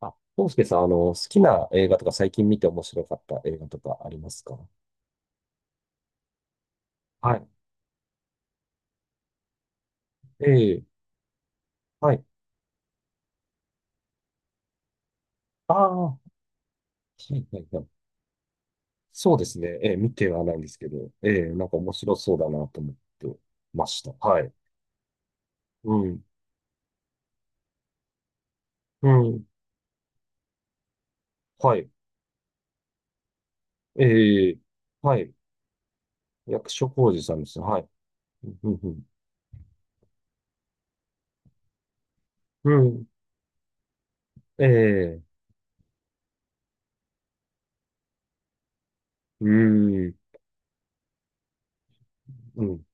あ、康介さん、好きな映画とか最近見て面白かった映画とかありますか？はい。ええ。はい。ああ、はいはいはい。そうですね。ええ、見てはないんですけど、ええ、なんか面白そうだなと思ってました。はい。うん、うん、はい。ええ。はい。役所広司さんですね。はい。うん、うん、うん。ええ。うん、うん、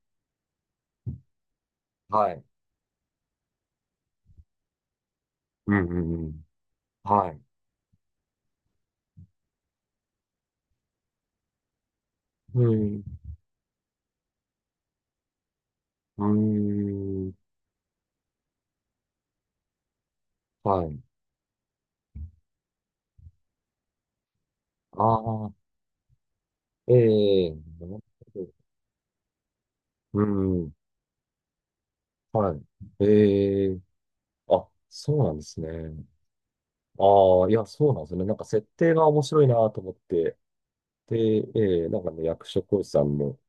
はい。うん、うん、うん。はい。うん、うん、はい。ああ、ええ、なるほど。うん、はい。ええ。あ、そうなんですね。ああ、いや、そうなんですね。なんか設定が面白いなと思って。で、ええ、なんかね、役所広司さんの、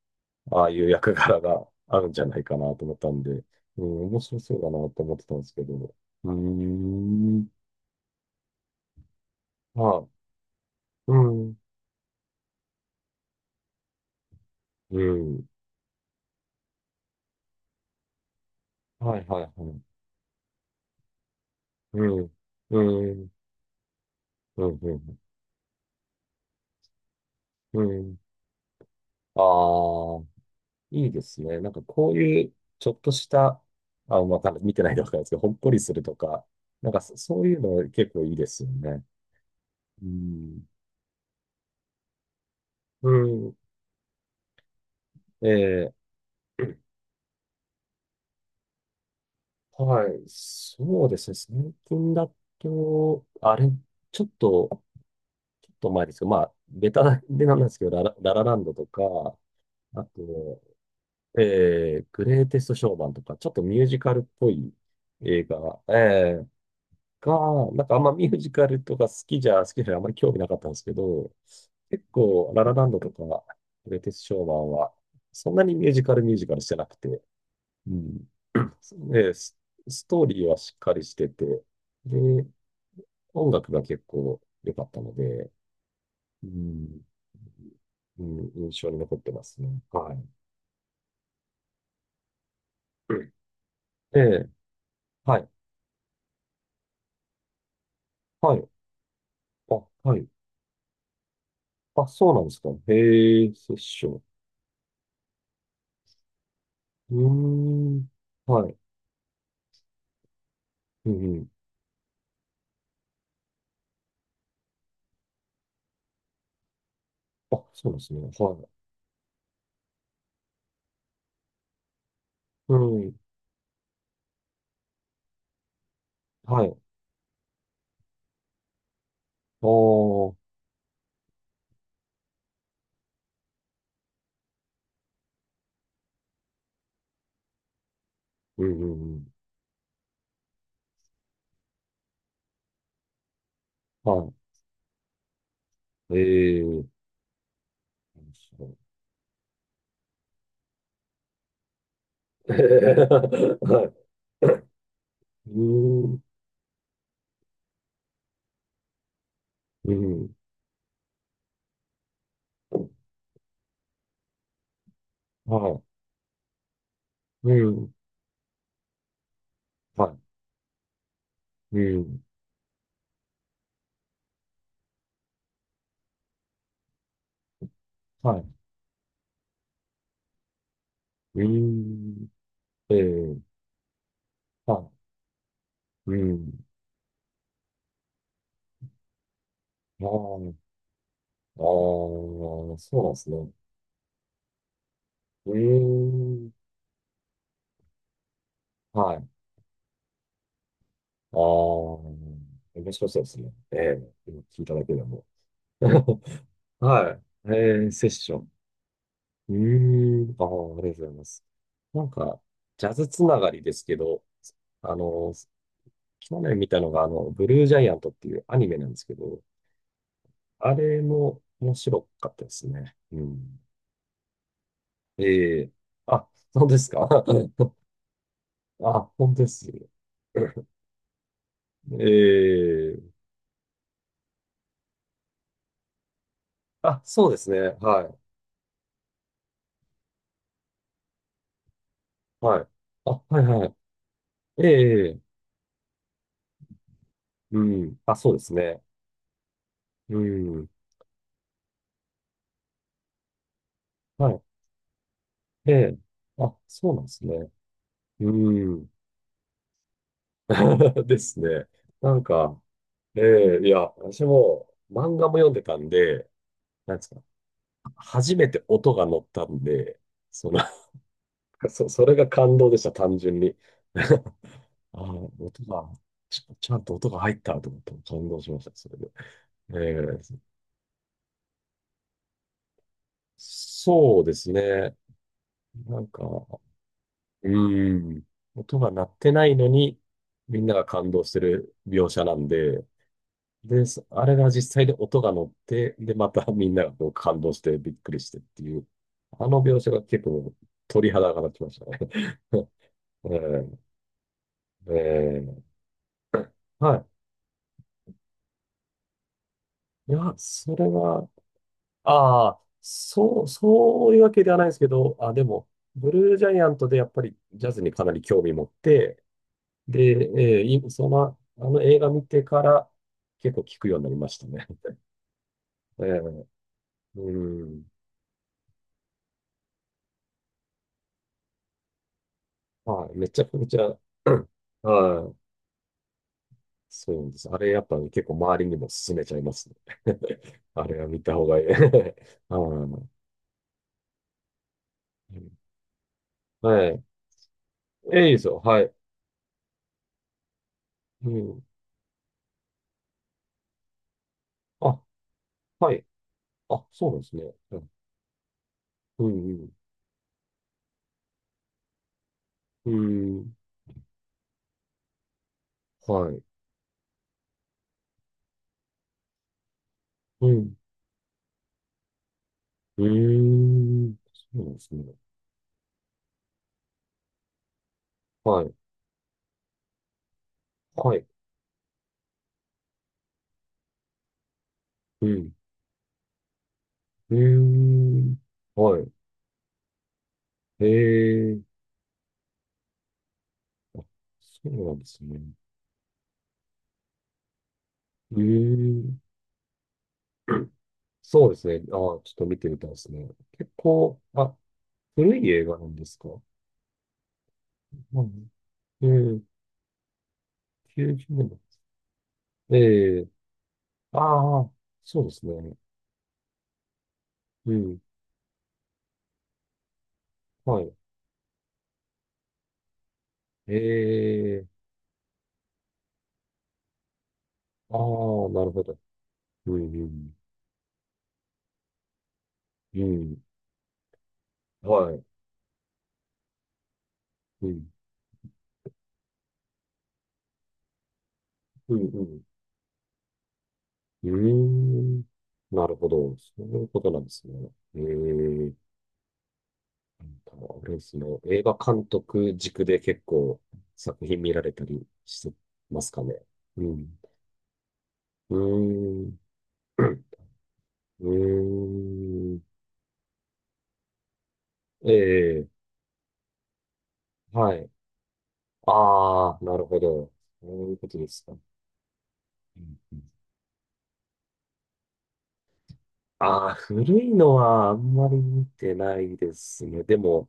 ああいう役柄が あるんじゃないかなと思ったんで、うん、面白そうだなと思ってたんですけど。うーん、はい。うん、うん。はい、はい、はい。うん、うん、うん、うん、うん。ああ、いいですね。なんかこういうちょっとした、あ、わかんない。見てないでわかんないですけど、ほっこりするとか、なんかそういうの結構いいですよね。うん。うん。えはい。そうですね。最近だと、あれ、ちょっと、ちょっと前ですけど、まあ、ベタでなんですけど、ララランドとか、あと、グレイテストショーマンとか、ちょっとミュージカルっぽい映画、ええ、が、なんかあんまミュージカルとか好きじゃ、あんまり興味なかったんですけど、結構、ララランドとか、グレイテストショーマンは、そんなにミュージカルミュージカルしてなくて、うん。で、ストーリーはしっかりしてて、で、音楽が結構良かったので、うん、うん、印象に残ってますね。はい。うん。で、はい、はい、あ、はい。あ、そうなんですか。へえ、セッション。うーん、はい。うん、うん。あ、そうなんですね。はい。うん。はい。ああ。うんうんうん。はい。ええー。はい。うん。うん。はい。うん。はい。うん。はい。うん。ええー。はい。うん。ああ。ああ、そうなんですね。うーん。はい。ああ。面白そうですね。ええ、今聞いただけでも。はい。ええ、セッション。うーん。ああ、ありがとうございます。なんか、ジャズつながりですけど、あの、去年見たのが、ブルージャイアントっていうアニメなんですけど、あれも面白かったですね。うん。ええ。あ、そうですか。あ、本当です。ええ。あ、そうですね。はい。はい。あ、はいはい。ええ。うん。あ、そうですね。うん。はい。ええ。あ、そうなんですね。うん。ですね。なんか、ええ、いや、私も漫画も読んでたんで、なんですか、初めて音が乗ったんで、その、それが感動でした、単純に。ああ、音が、ちゃんと音が入ったと思って感動しました、それで。ええ。そうですね。なんか、うーん、音が鳴ってないのに、みんなが感動してる描写なんで、で、あれが実際で音が乗って、で、また みんながこう感動してびっくりしてっていう、あの描写が結構鳥肌が立ちましたね。ええ。ええ。はい。いや、それは、ああ、そう、そういうわけではないですけど、あ、でも、ブルージャイアントでやっぱりジャズにかなり興味持って、で、ええいその、あの映画見てから結構聞くようになりましたね。ええ。うん。はい。めちゃくちゃ、うん。はい。そうなんです。あれやっぱね結構周りにも勧めちゃいますね。あれは見た方がいい。はい。うん。はい。え、いいですよ。はい。うん。あ、はい。あ、そうなんですね。うん。うん。うん。はい。うん。うーん。そうなんですね。はい。はい。うん。うーん。はい。ええ。あ、そうなんですね。うーん。そうですね。ああ、ちょっと見てみたいですね。結構、あ、古い映画なんですか？うん。ええ、90年代。ええ、ああ、そうですね。うん。はい。ええ、ああ、なるほど。うん、うん、うん。はい。うん、うん、うん。うーん。なるほど。そういうことなんですね。ええ、なんか、あれですね。映画監督軸で結構作品見られたりしてますかね？うん。うーん。うーん。ええ、はい。ああ、なるほど。そういうことですか。うん、うん。ああ、古いのはあんまり見てないですね。でも、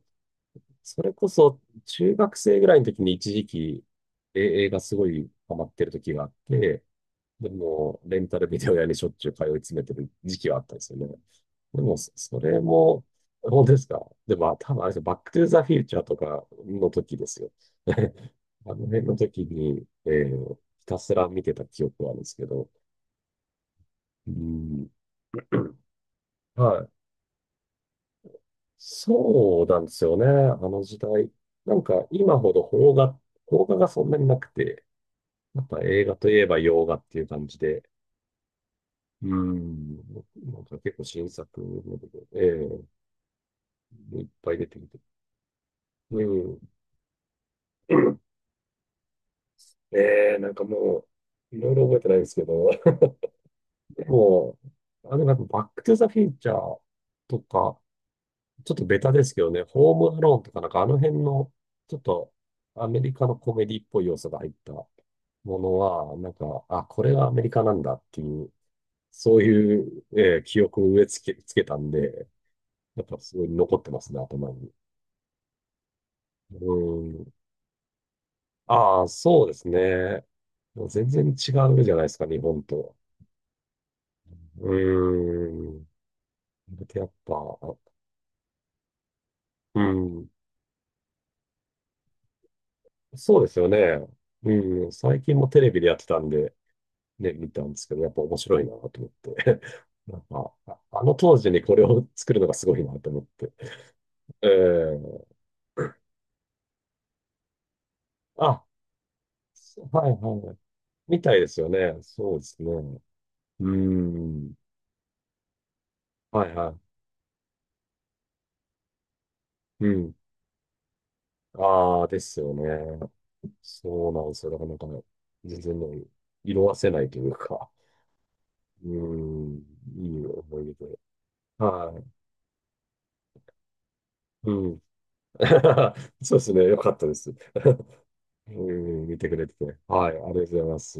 それこそ中学生ぐらいの時に一時期、映画すごいハマってる時があって、でも、レンタルビデオ屋にしょっちゅう通い詰めてる時期はあったんですよね。でも、それも、本当ですか？でも、まあ多分あれですよ、バックトゥーザフューチャーとかの時ですよ。あの辺の時に、ひたすら見てた記憶はあるんですけど、うん、はい。そうなんですよね、あの時代。なんか、今ほど邦画がそんなになくて、やっぱ映画といえば洋画っていう感じで、うん、なんか結構新作の部分、ええ、いっぱい出てきて、うん。ねえ、なんかもう、いろいろ覚えてないんですけど、もう、なんかバックトゥザフューチャーとか、ちょっとベタですけどね、ホームアローンとかなんかあの辺の、ちょっとアメリカのコメディっぽい要素が入ったものは、なんか、あ、これがアメリカなんだっていう、そういう、記憶を植え付け、つけたんで、やっぱすごい残ってますね、頭に。うん。ああ、そうですね。もう全然違うじゃないですか、日本と。うーん。で、やっぱ、うん。そうですよね。うん、最近もテレビでやってたんで、ね、見たんですけど、やっぱ面白いなと思って。なんか、ああ、の当時にこれを作るのがすごいなと思って。えー、あ、そはいはい。みたいですよね。そうですね。うん。はいはい。うん。ああ、ですよね。そうなんですよ。だからなんか、全然ね、色褪せないというか、うん、いい思い出で。はい。うん。そうですね。よかったです。うん、見てくれてて。はい、ありがとうございます。